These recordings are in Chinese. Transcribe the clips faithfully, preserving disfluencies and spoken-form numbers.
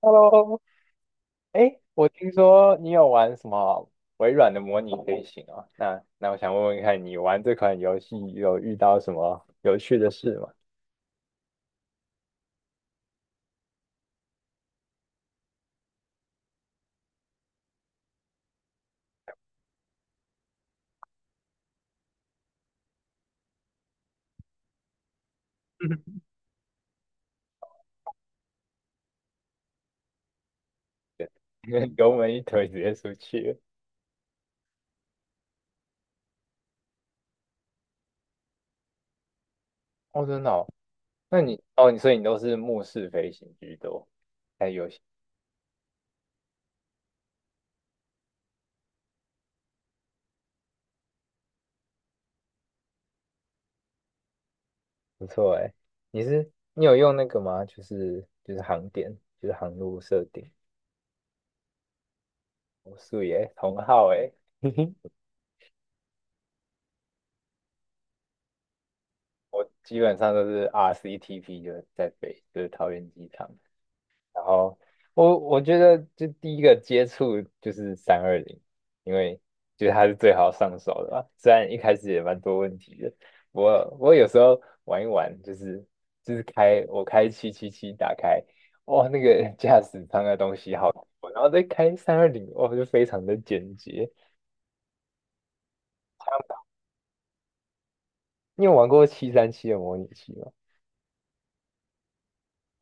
Hello。哎，我听说你有玩什么微软的模拟飞行哦，那那我想问问看你玩这款游戏有遇到什么有趣的事吗？对，油门一推直接出去了。哦，真的哦。那你哦，你所以你都是目视飞行居多，还有些不错哎。你是你有用那个吗？就是就是航点，就是航路设定。我素颜同号哎，我基本上都是 R C T P 就是在飞，就是桃园机场。然后我我觉得就第一个接触就是三二零，因为觉得它是最好上手的吧，虽然一开始也蛮多问题的，我我有时候玩一玩，就是就是开我开七七七打开，哇，那个 驾驶舱的东西好多，然后再开三二零，哇，就非常的简洁。你有玩过七三七的模拟器吗？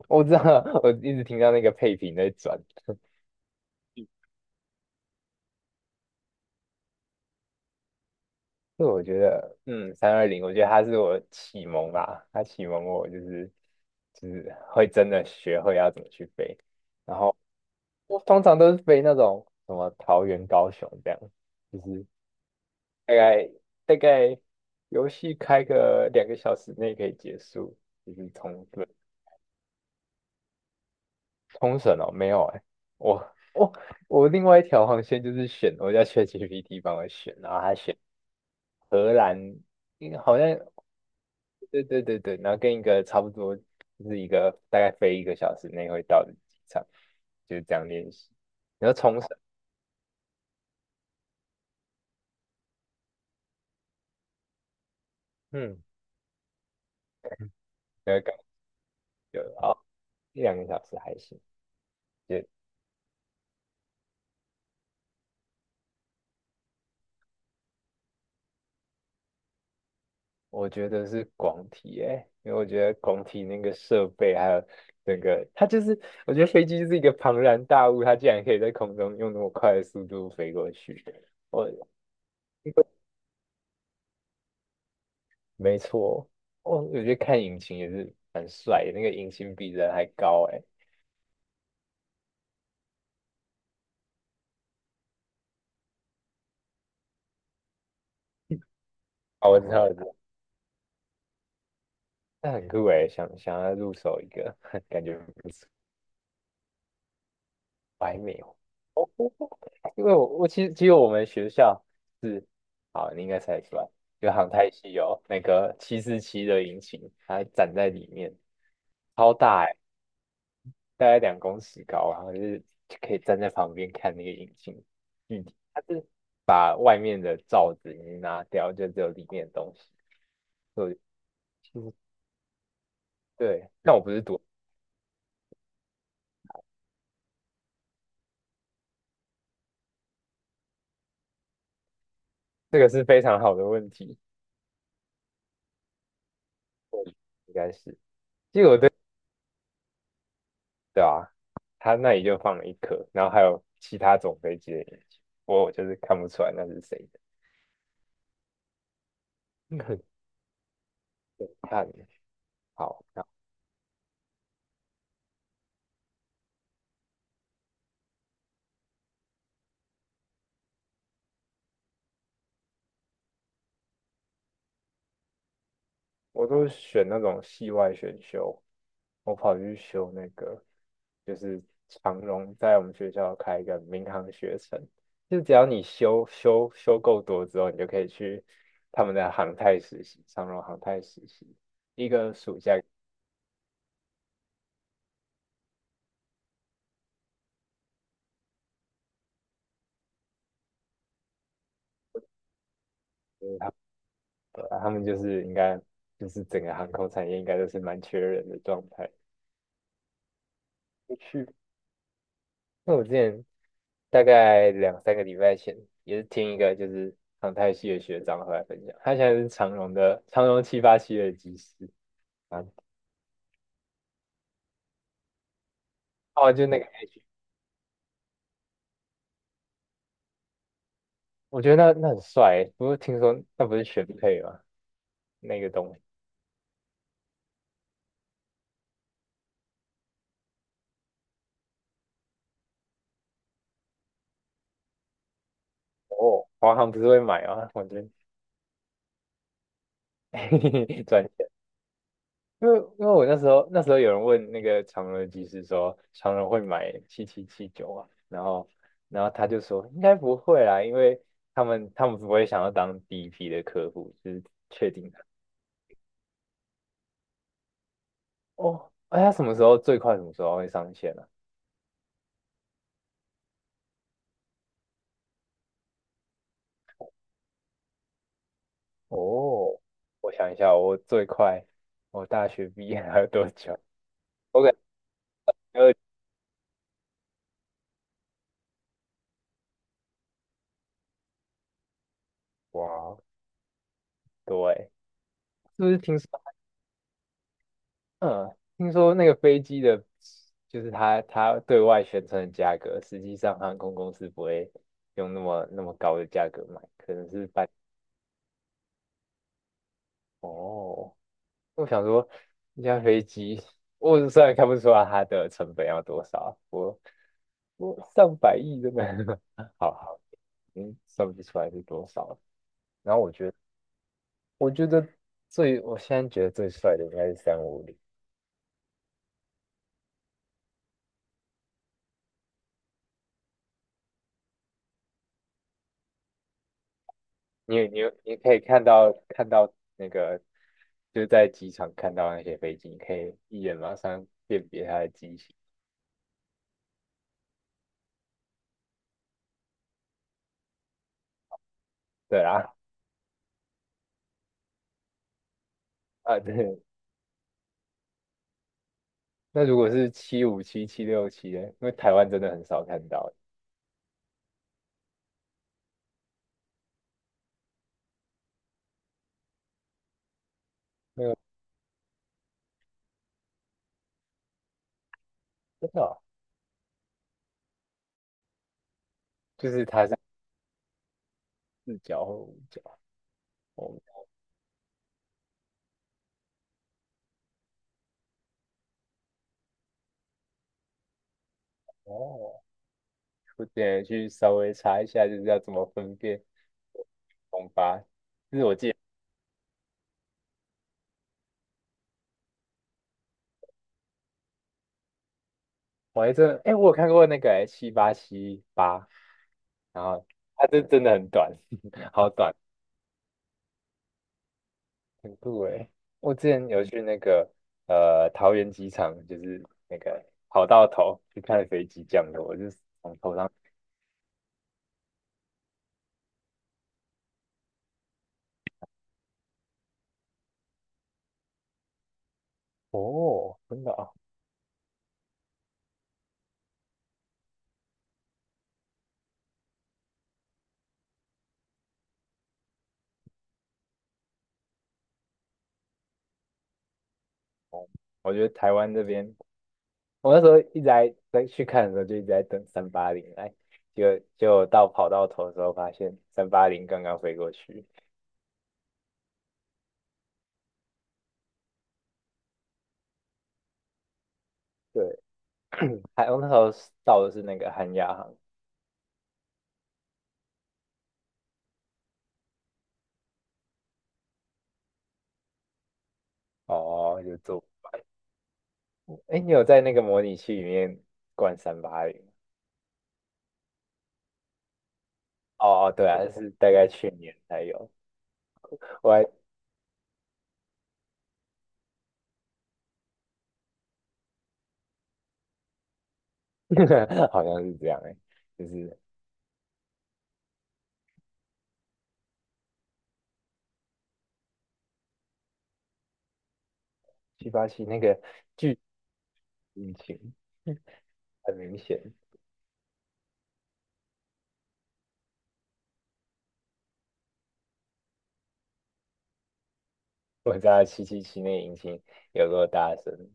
我知道，我一直听到那个配屏在转。所以我觉得，嗯，三二零，我觉得它是我启蒙吧，它启蒙我就是就是会真的学会要怎么去飞，然后我通常都是飞那种什么桃园、高雄这样，就是大概大概游戏开个两个小时内可以结束，就是冲绳。冲绳哦，没有哎，我我我另外一条航线就是选我叫 ChatGPT 帮我选，然后他选荷兰，因为好像。对对对对，然后跟一个差不多，就是一个大概飞一个小时内会到的机场，就是这样练习。然后冲绳，嗯，那个感觉哦，一两个小时还行。也我觉得是广体诶，因为我觉得广体那个设备还有整个，它就是我觉得飞机就是一个庞然大物，它竟然可以在空中用那么快的速度飞过去。我没错，我我觉得看引擎也是蛮帅的，那个引擎比人还高诶。哦，我知道，那很酷诶，想想要入手一个，感觉不错，我还没有。哦，因为我我其实只有我们学校是，好，你应该猜得出来，就航太系有那个七四七的引擎，它展在里面，超大诶，大概两公尺高，然后就是就可以站在旁边看那个引擎，具体它是把外面的罩子已经拿掉，就只有里面的东西。对，其实对，但我不是赌，这个是非常好的问题。应该是对啊，他那里就放了一颗，然后还有其他种飞机的眼睛，我就是看不出来那是谁的，看好，那我都选那种系外选修，我跑去修那个就是长荣在我们学校开一个民航学程，就只要你修修修够多之后，你就可以去他们的航太实习，长荣航太实习，一个暑假。啊他们就是应该就是整个航空产业应该都是蛮缺人的状态。我去，那我之前大概两三个礼拜前也是听一个就是航太系的学长回来分享，他现在是长荣的长荣七八七的机师。啊，哦，就那个我觉得那那很帅欸，不过听说那不是选配吗？那个东西哦，华航不是会买吗？我觉得 转，因为因为我那时候那时候有人问那个长荣的技师说，长荣会买七七七九啊，然后然后他就说应该不会啦，因为他们他们不会想要当第一批的客户，就是确定的。哦，哎，他什么时候最快什么时候会上线呢？哦，我想一下，我最快我大学毕业还有多久？我感觉二，哇，对，是不是听说？嗯，听说那个飞机的，就是它它对外宣称的价格，实际上航空公司不会用那么那么高的价格买，可能是半。哦，我想说，一架飞机，我虽然看不出来它的成本要多少，我我上百亿真的，好好，嗯，算不出来是多少。然后我觉得，我觉得最，我现在觉得最帅的应该是三五零。你你你可以看到看到那个就是在机场看到那些飞机，你可以一眼马上辨别它的机型。对啊，啊对，那如果是七五七、七六七呢？因为台湾真的很少看到，那个真的哦，就是它是四角或五角。哦哦，我点去稍微查一下，就是要怎么分辨红八。就是我记得，我还真的，哎，我有看过那个哎七八七八，七八，然后它这真的很短，好短。很酷诶，我之前有去那个呃桃园机场，就是那个跑道头去看飞机降落，我就是从头上。哦，真的啊，哦，我觉得台湾这边，我那时候一直在在去看的时候就一直在等三八零来，结果结果到跑道头的时候发现三八零刚刚飞过去，对，还我那时候到的是那个韩亚航。哦，就坐，哎，你有在那个模拟器里面灌三八零？哦哦，对啊，是大概去年才有。我还 好像是这样哎，就是七八七那个巨引擎很明显，我知道七七七那个引擎有多大声。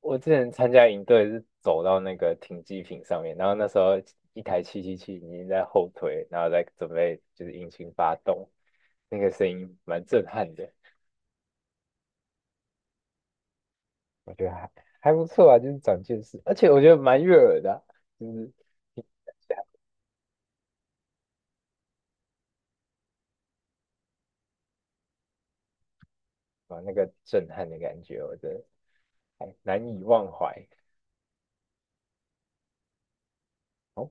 我之前参加营队是走到那个停机坪上面，然后那时候一台七七七已经在后推，然后在准备就是引擎发动，那个声音蛮震撼的，我觉得还还不错啊，就是长见识，而且我觉得蛮悦耳的啊，就是听起来哇那个震撼的感觉，我觉得还难以忘怀。哦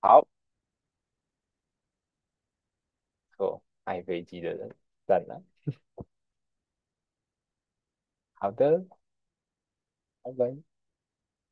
好，做爱飞机的人，赞了。好的，拜拜。